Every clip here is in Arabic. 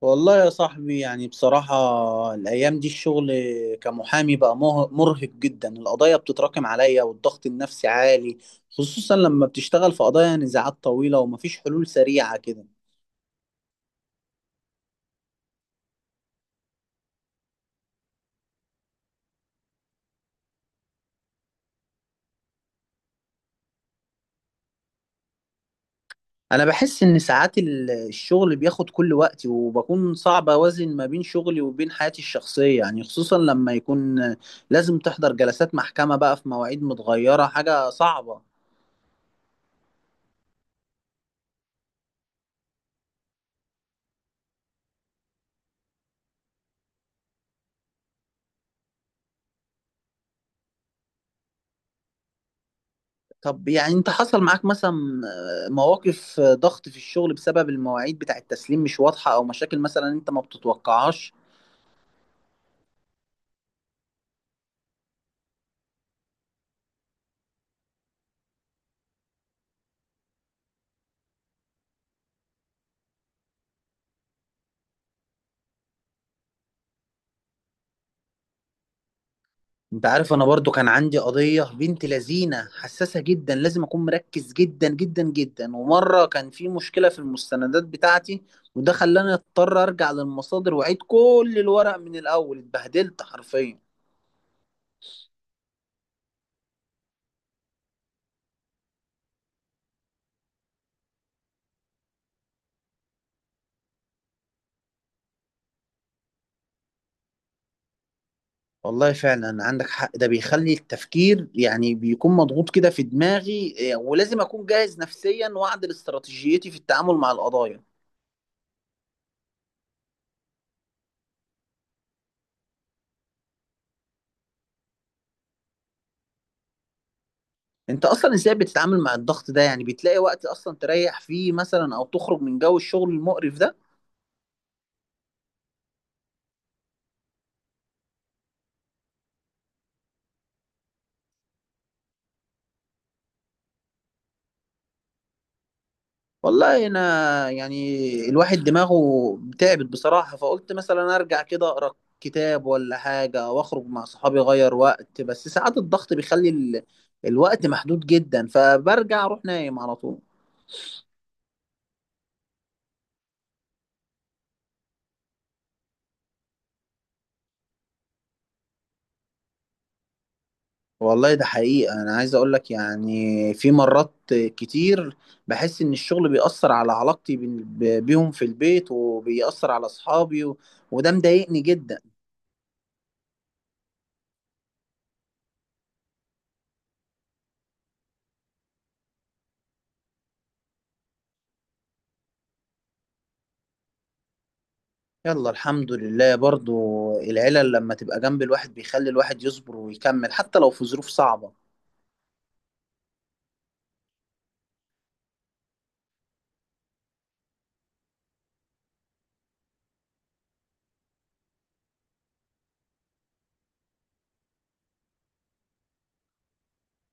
والله يا صاحبي، يعني بصراحة الأيام دي الشغل كمحامي بقى مرهق جدا. القضايا بتتراكم عليا والضغط النفسي عالي، خصوصا لما بتشتغل في قضايا نزاعات طويلة ومفيش حلول سريعة كده. أنا بحس إن ساعات الشغل بياخد كل وقتي وبكون صعب أوازن ما بين شغلي وبين حياتي الشخصية، يعني خصوصا لما يكون لازم تحضر جلسات محكمة بقى في مواعيد متغيرة، حاجة صعبة. طب يعني انت حصل معاك مثلا مواقف ضغط في الشغل بسبب المواعيد بتاع التسليم مش واضحة، او مشاكل مثلا انت ما بتتوقعهاش؟ انت عارف انا برضو كان عندي قضية بنت لذينة حساسة جدا، لازم اكون مركز جدا جدا جدا. ومرة كان في مشكلة في المستندات بتاعتي، وده خلاني اضطر ارجع للمصادر واعيد كل الورق من الاول، اتبهدلت حرفيا. والله فعلا عندك حق، ده بيخلي التفكير يعني بيكون مضغوط كده في دماغي. إيه، ولازم أكون جاهز نفسيا وأعدل استراتيجيتي في التعامل مع القضايا. أنت أصلا إزاي بتتعامل مع الضغط ده؟ يعني بتلاقي وقت أصلا تريح فيه مثلا، أو تخرج من جو الشغل المقرف ده؟ والله أنا يعني الواحد دماغه تعبت بصراحة، فقلت مثلا أرجع كده أقرأ كتاب ولا حاجة وأخرج مع صحابي أغير وقت، بس ساعات الضغط بيخلي الوقت محدود جدا فبرجع أروح نايم على طول. والله ده حقيقة، أنا عايز أقولك يعني في مرات كتير بحس إن الشغل بيأثر على علاقتي بيهم في البيت، وبيأثر على أصحابي. وده مضايقني جدا. يلا الحمد لله برضو، العيلة لما تبقى جنب الواحد بيخلي الواحد يصبر ويكمل حتى لو في ظروف صعبة.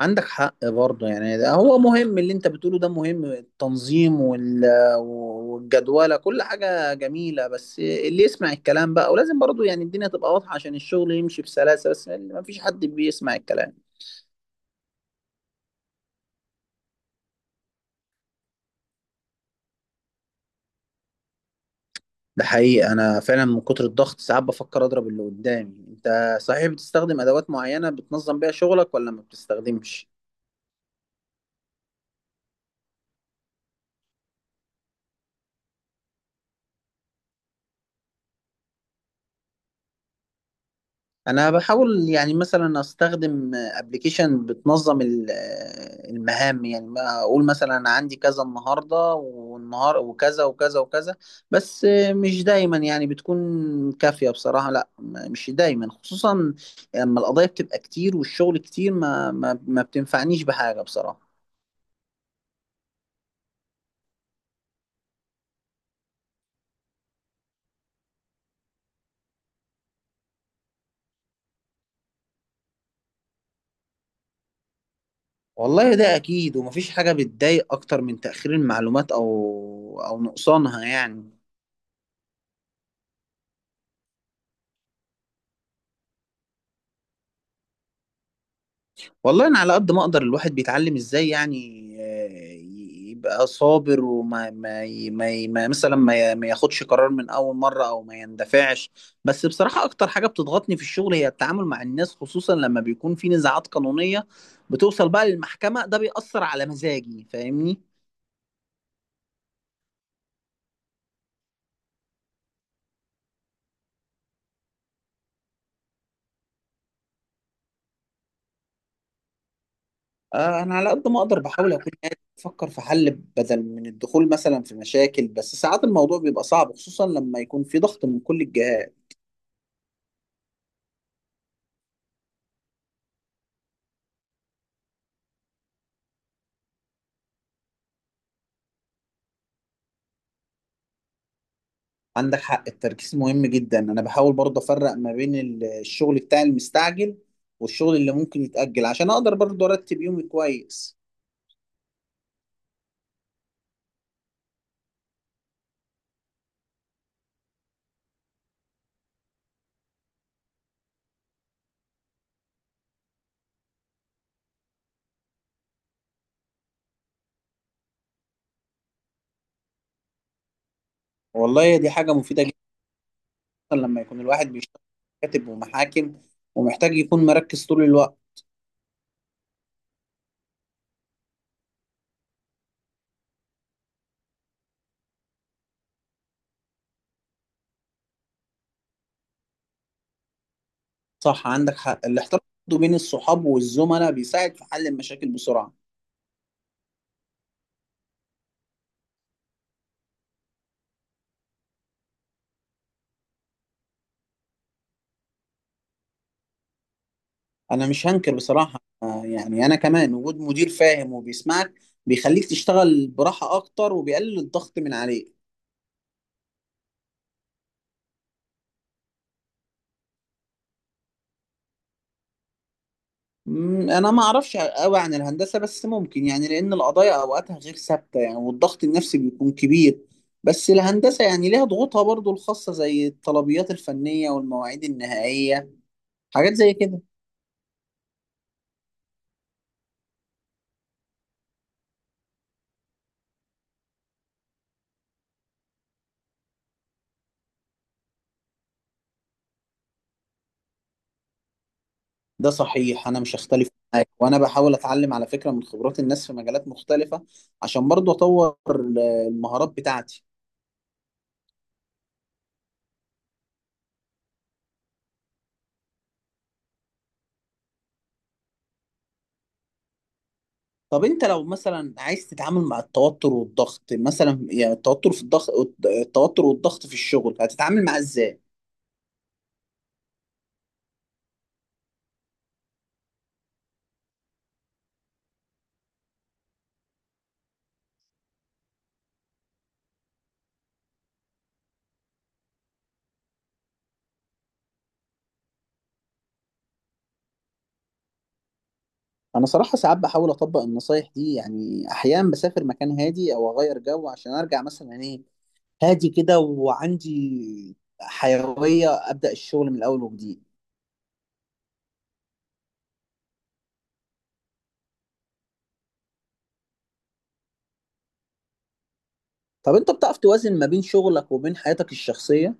عندك حق برضه، يعني ده هو مهم، اللي انت بتقوله ده مهم، التنظيم والجدولة، كل حاجة جميلة. بس اللي يسمع الكلام بقى، ولازم برضه يعني الدنيا تبقى واضحة عشان الشغل يمشي بسلاسة، بس ما فيش حد بيسمع الكلام. ده حقيقي، انا فعلا من كتر الضغط ساعات بفكر اضرب اللي قدامي. انت صحيح بتستخدم ادوات معينة بتنظم بيها شغلك ولا ما بتستخدمش؟ انا بحاول يعني مثلا استخدم ابلكيشن بتنظم المهام، يعني ما اقول مثلا أنا عندي كذا النهارده والنهار وكذا وكذا وكذا. بس مش دايما يعني بتكون كافية بصراحة، لا مش دايما، خصوصا لما القضايا بتبقى كتير والشغل كتير ما بتنفعنيش بحاجة بصراحة. والله ده أكيد، ومفيش حاجة بتضايق أكتر من تأخير المعلومات أو نقصانها يعني. والله انا على قد ما اقدر الواحد بيتعلم ازاي، يعني يبقى صابر، وما ما ي- ما ي- ما مثلا ما ياخدش قرار من اول مره او ما يندفعش. بس بصراحه اكتر حاجه بتضغطني في الشغل هي التعامل مع الناس، خصوصا لما بيكون في نزاعات قانونيه بتوصل بقى للمحكمه، ده بيأثر على مزاجي فاهمني. انا على قد ما اقدر بحاول اكون قاعد بفكر في حل بدل من الدخول مثلا في مشاكل، بس ساعات الموضوع بيبقى صعب خصوصا لما يكون في ضغط من كل الجهات. عندك حق، التركيز مهم جدا. انا بحاول برضه افرق ما بين الشغل بتاع المستعجل والشغل اللي ممكن يتأجل، عشان اقدر برضه ارتب يومي كويس. والله دي حاجة مفيدة جدا لما يكون الواحد بيشتغل كاتب ومحاكم ومحتاج يكون مركز طول الوقت. صح، عندك حق، الاحتراف برضه بين الصحاب والزملاء بيساعد في حل المشاكل بسرعة. انا مش هنكر بصراحة، يعني انا كمان وجود مدير فاهم وبيسمعك بيخليك تشتغل براحة اكتر وبيقلل الضغط من عليك. انا ما اعرفش قوي عن الهندسه، بس ممكن يعني لان القضايا اوقاتها غير ثابته يعني، والضغط النفسي بيكون كبير. بس الهندسه يعني ليها ضغوطها برضو الخاصه، زي الطلبيات الفنيه والمواعيد النهائيه، حاجات زي كده. ده صحيح انا مش هختلف معاك، وانا بحاول اتعلم على فكره من خبرات الناس في مجالات مختلفه عشان برضو اطور المهارات بتاعتي. طب انت لو مثلا عايز تتعامل مع التوتر والضغط، مثلا يعني التوتر في الضغط، التوتر والضغط في الشغل، هتتعامل معاه ازاي؟ انا صراحه ساعات بحاول اطبق النصايح دي، يعني احيانا بسافر مكان هادي او اغير جو عشان ارجع مثلا ايه، هادي كده وعندي حيويه ابدا الشغل من الاول وجديد. طب انت بتعرف توازن ما بين شغلك وبين حياتك الشخصيه؟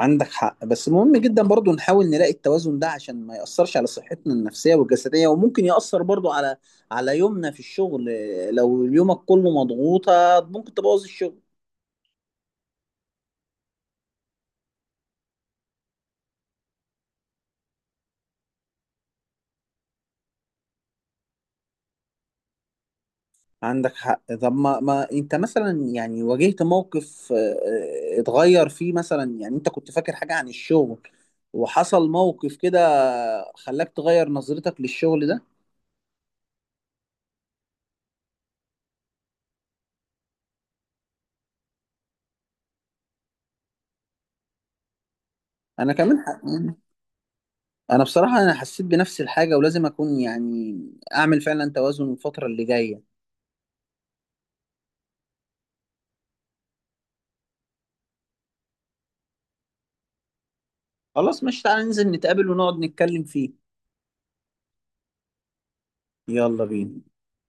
عندك حق، بس مهم جدا برضو نحاول نلاقي التوازن ده عشان ما يأثرش على صحتنا النفسيه والجسديه، وممكن يأثر برضو على يومنا في الشغل. لو يومك كله مضغوطه ممكن تبوظ الشغل. عندك حق. طب ما انت مثلا يعني واجهت موقف، اتغير فيه مثلا، يعني انت كنت فاكر حاجة عن الشغل وحصل موقف كده خلاك تغير نظرتك للشغل ده؟ انا كمان يعني انا بصراحة انا حسيت بنفس الحاجة، ولازم اكون يعني اعمل فعلا توازن الفترة اللي جاية. خلاص، مش تعالى ننزل نتقابل ونقعد نتكلم فيه. يلا بينا.